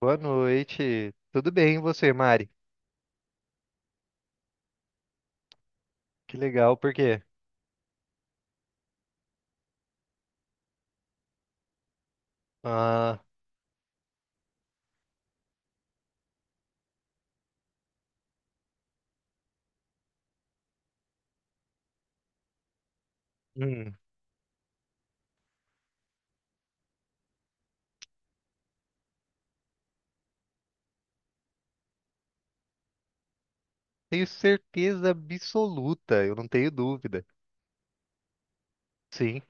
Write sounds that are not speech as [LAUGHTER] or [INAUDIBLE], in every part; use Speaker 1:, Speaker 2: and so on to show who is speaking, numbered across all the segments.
Speaker 1: Boa noite. Tudo bem, e você, Mari? Que legal, por quê? Ah, hum, Tenho certeza absoluta, eu não tenho dúvida. Sim.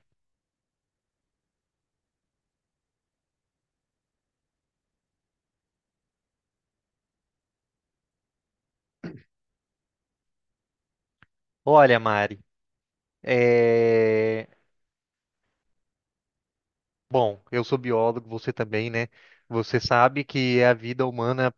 Speaker 1: Olha, Mari, é... Bom, eu sou biólogo, você também, né? Você sabe que a vida humana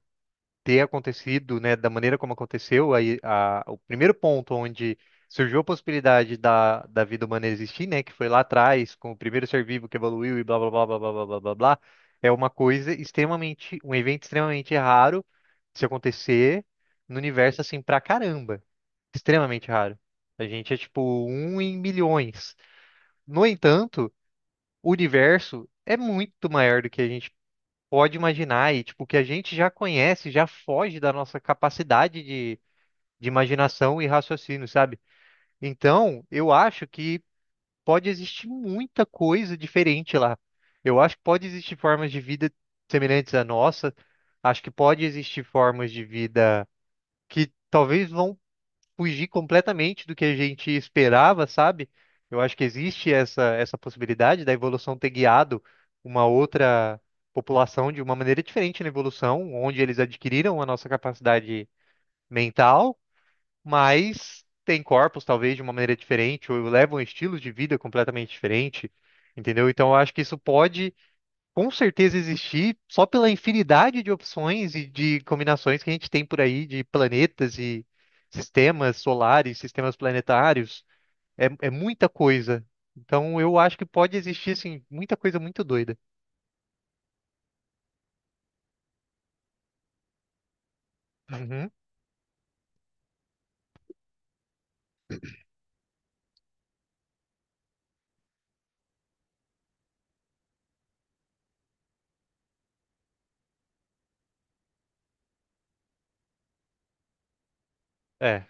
Speaker 1: ter acontecido, né, da maneira como aconteceu, o primeiro ponto onde surgiu a possibilidade da vida humana existir, né, que foi lá atrás, com o primeiro ser vivo que evoluiu e blá blá blá blá blá blá blá blá, blá, é uma coisa extremamente, um evento extremamente raro de se acontecer no universo assim pra caramba, extremamente raro. A gente é tipo um em milhões. No entanto, o universo é muito maior do que a gente pode imaginar e tipo, o que a gente já conhece já foge da nossa capacidade de imaginação e raciocínio, sabe? Então, eu acho que pode existir muita coisa diferente lá. Eu acho que pode existir formas de vida semelhantes à nossa. Acho que pode existir formas de vida que talvez vão fugir completamente do que a gente esperava, sabe? Eu acho que existe essa possibilidade da evolução ter guiado uma outra população de uma maneira diferente na evolução, onde eles adquiriram a nossa capacidade mental, mas têm corpos talvez de uma maneira diferente, ou levam estilos de vida completamente diferente, entendeu? Então eu acho que isso pode com certeza existir só pela infinidade de opções e de combinações que a gente tem por aí de planetas e sistemas solares, sistemas planetários. É, é muita coisa. Então eu acho que pode existir, assim, muita coisa muito doida. Uhum. É,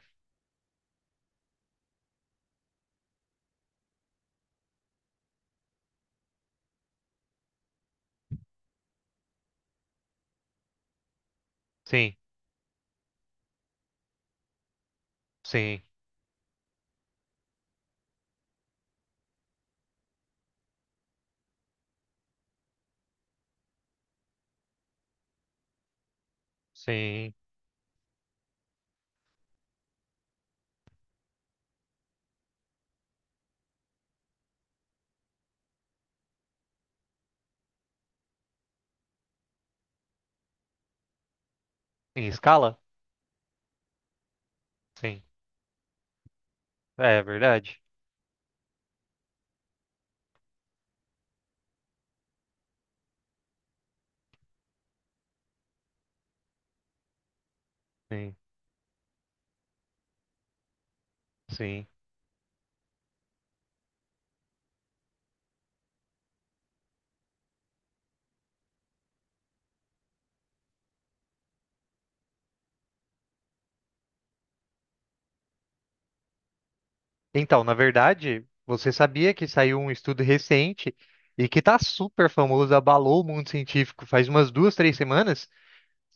Speaker 1: sim, sim, sim. Em escala? Sim. É, é verdade. Sim, sim. Então, na verdade, você sabia que saiu um estudo recente e que tá super famoso, abalou o mundo científico faz umas duas, três semanas?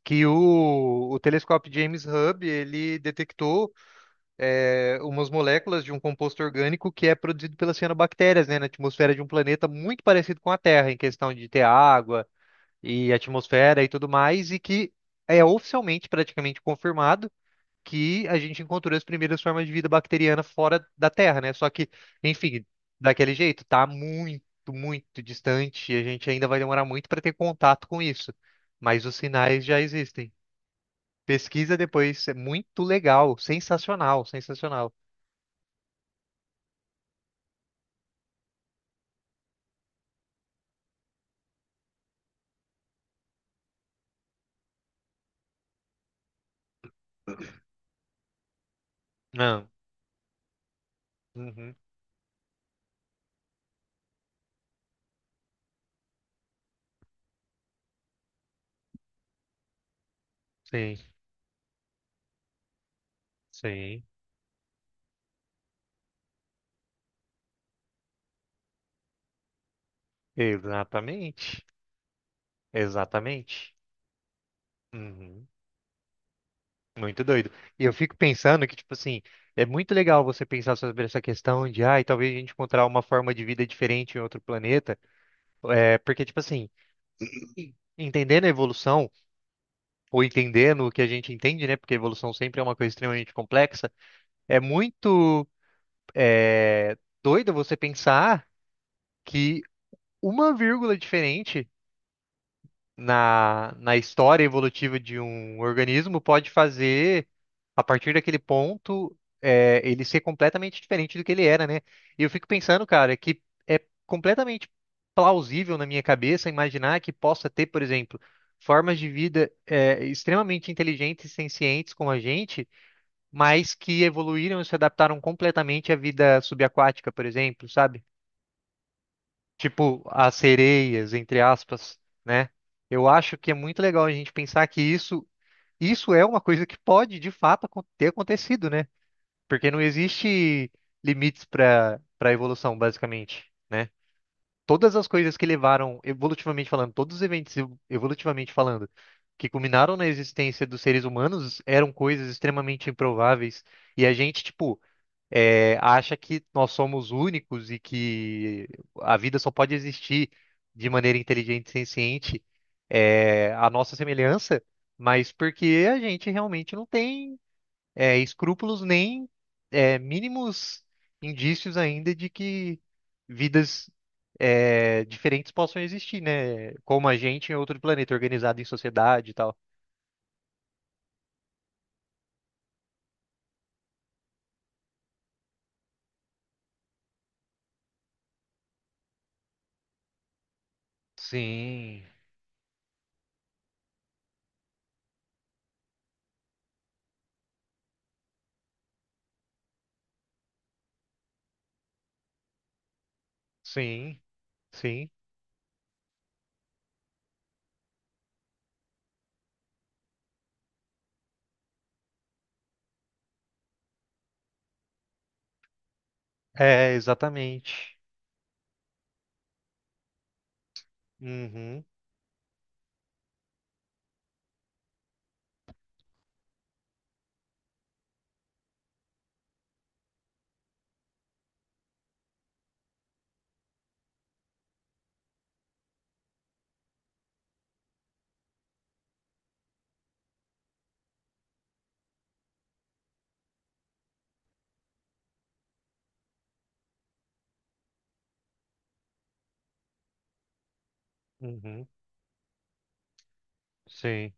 Speaker 1: Que o telescópio James Hubb ele detectou, umas moléculas de um composto orgânico que é produzido pelas cianobactérias, né, na atmosfera de um planeta muito parecido com a Terra, em questão de ter água e atmosfera e tudo mais, e que é oficialmente praticamente confirmado que a gente encontrou as primeiras formas de vida bacteriana fora da Terra, né? Só que, enfim, daquele jeito, tá muito, muito distante e a gente ainda vai demorar muito para ter contato com isso. Mas os sinais já existem. Pesquisa depois, é muito legal, sensacional, sensacional. Não. Uhum. Sim, sim. Exatamente. Exatamente. Uhum. Muito doido. E eu fico pensando que, tipo assim, é muito legal você pensar sobre essa questão de, ah, talvez a gente encontrar uma forma de vida diferente em outro planeta. É, porque, tipo assim, entendendo a evolução, ou entendendo o que a gente entende, né? Porque a evolução sempre é uma coisa extremamente complexa, é muito doido você pensar. Que uma vírgula diferente na história evolutiva de um organismo pode fazer, a partir daquele ponto, ele ser completamente diferente do que ele era, né? E eu fico pensando, cara, que é completamente plausível na minha cabeça imaginar que possa ter, por exemplo, formas de vida, extremamente inteligentes e sencientes como a gente, mas que evoluíram e se adaptaram completamente à vida subaquática, por exemplo, sabe? Tipo as sereias, entre aspas, né? Eu acho que é muito legal a gente pensar que isso é uma coisa que pode de fato acon- ter acontecido, né? Porque não existe limites para a evolução, basicamente, né? Todas as coisas que levaram, evolutivamente falando, todos os evolutivamente falando, que culminaram na existência dos seres humanos eram coisas extremamente improváveis. E a gente, tipo, acha que nós somos únicos e que a vida só pode existir de maneira inteligente e senciente, a nossa semelhança, mas porque a gente realmente não tem, escrúpulos nem, mínimos indícios ainda de que vidas, diferentes possam existir, né? Como a gente em outro planeta, organizado em sociedade e tal. Sim, sim, sim. É, exatamente. Uhum. Uhum. Sim,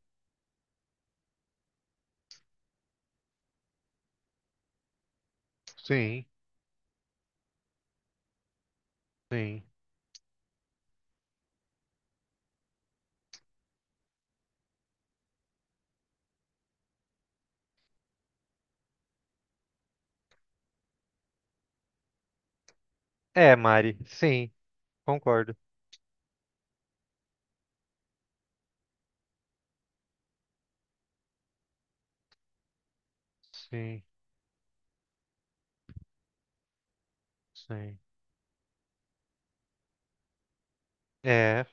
Speaker 1: sim, sim. É, Mari, sim, concordo. Sim, sim. É,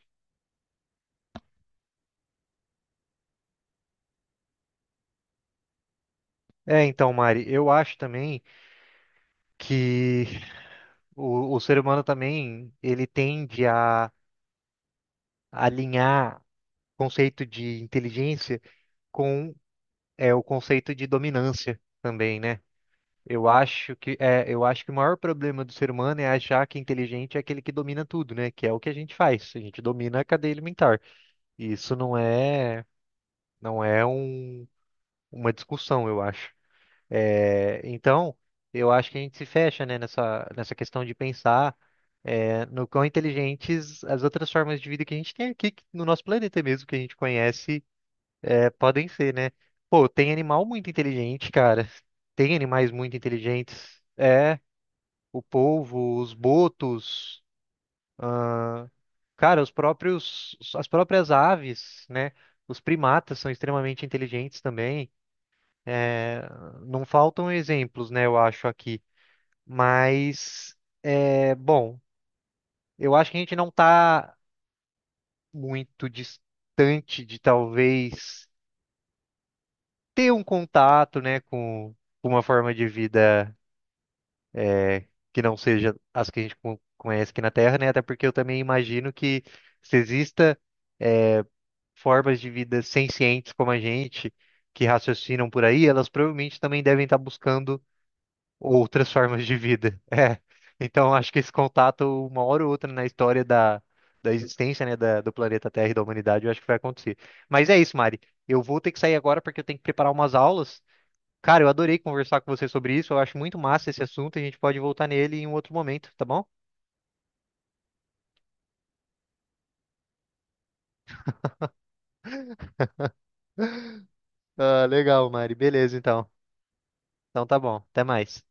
Speaker 1: então, Mari, eu acho também que o ser humano também, ele tende a alinhar o conceito de inteligência com, o conceito de dominância também, né? Eu acho que eu acho que o maior problema do ser humano é achar que inteligente é aquele que domina tudo, né? Que é o que a gente faz. A gente domina a cadeia alimentar. E isso não é, não é um, uma discussão, eu acho. Então, eu acho que a gente se fecha, né, nessa questão de pensar, no quão inteligentes as outras formas de vida que a gente tem aqui no nosso planeta mesmo, que a gente conhece, podem ser, né? Pô, tem animal muito inteligente, cara. Tem animais muito inteligentes. É, o polvo, os botos, ah, cara, os próprios, as próprias aves, né? Os primatas são extremamente inteligentes também. É, não faltam exemplos, né, eu acho aqui. Mas, bom, eu acho que a gente não está muito distante de talvez ter um contato, né, com uma forma de vida, é, que não seja as que a gente conhece aqui na Terra, né? Até porque eu também imagino que se exista, é, formas de vida sencientes como a gente, que raciocinam por aí, elas provavelmente também devem estar buscando outras formas de vida. [LAUGHS] É. Então, acho que esse contato, uma hora ou outra na história da existência, né, da- do planeta Terra e da humanidade, eu acho que vai acontecer. Mas é isso, Mari. Eu vou ter que sair agora porque eu tenho que preparar umas aulas. Cara, eu adorei conversar com você sobre isso. Eu acho muito massa esse assunto. A gente pode voltar nele em um outro momento, tá bom? Ah, legal, Mari. Beleza, então. Então tá bom. Até mais.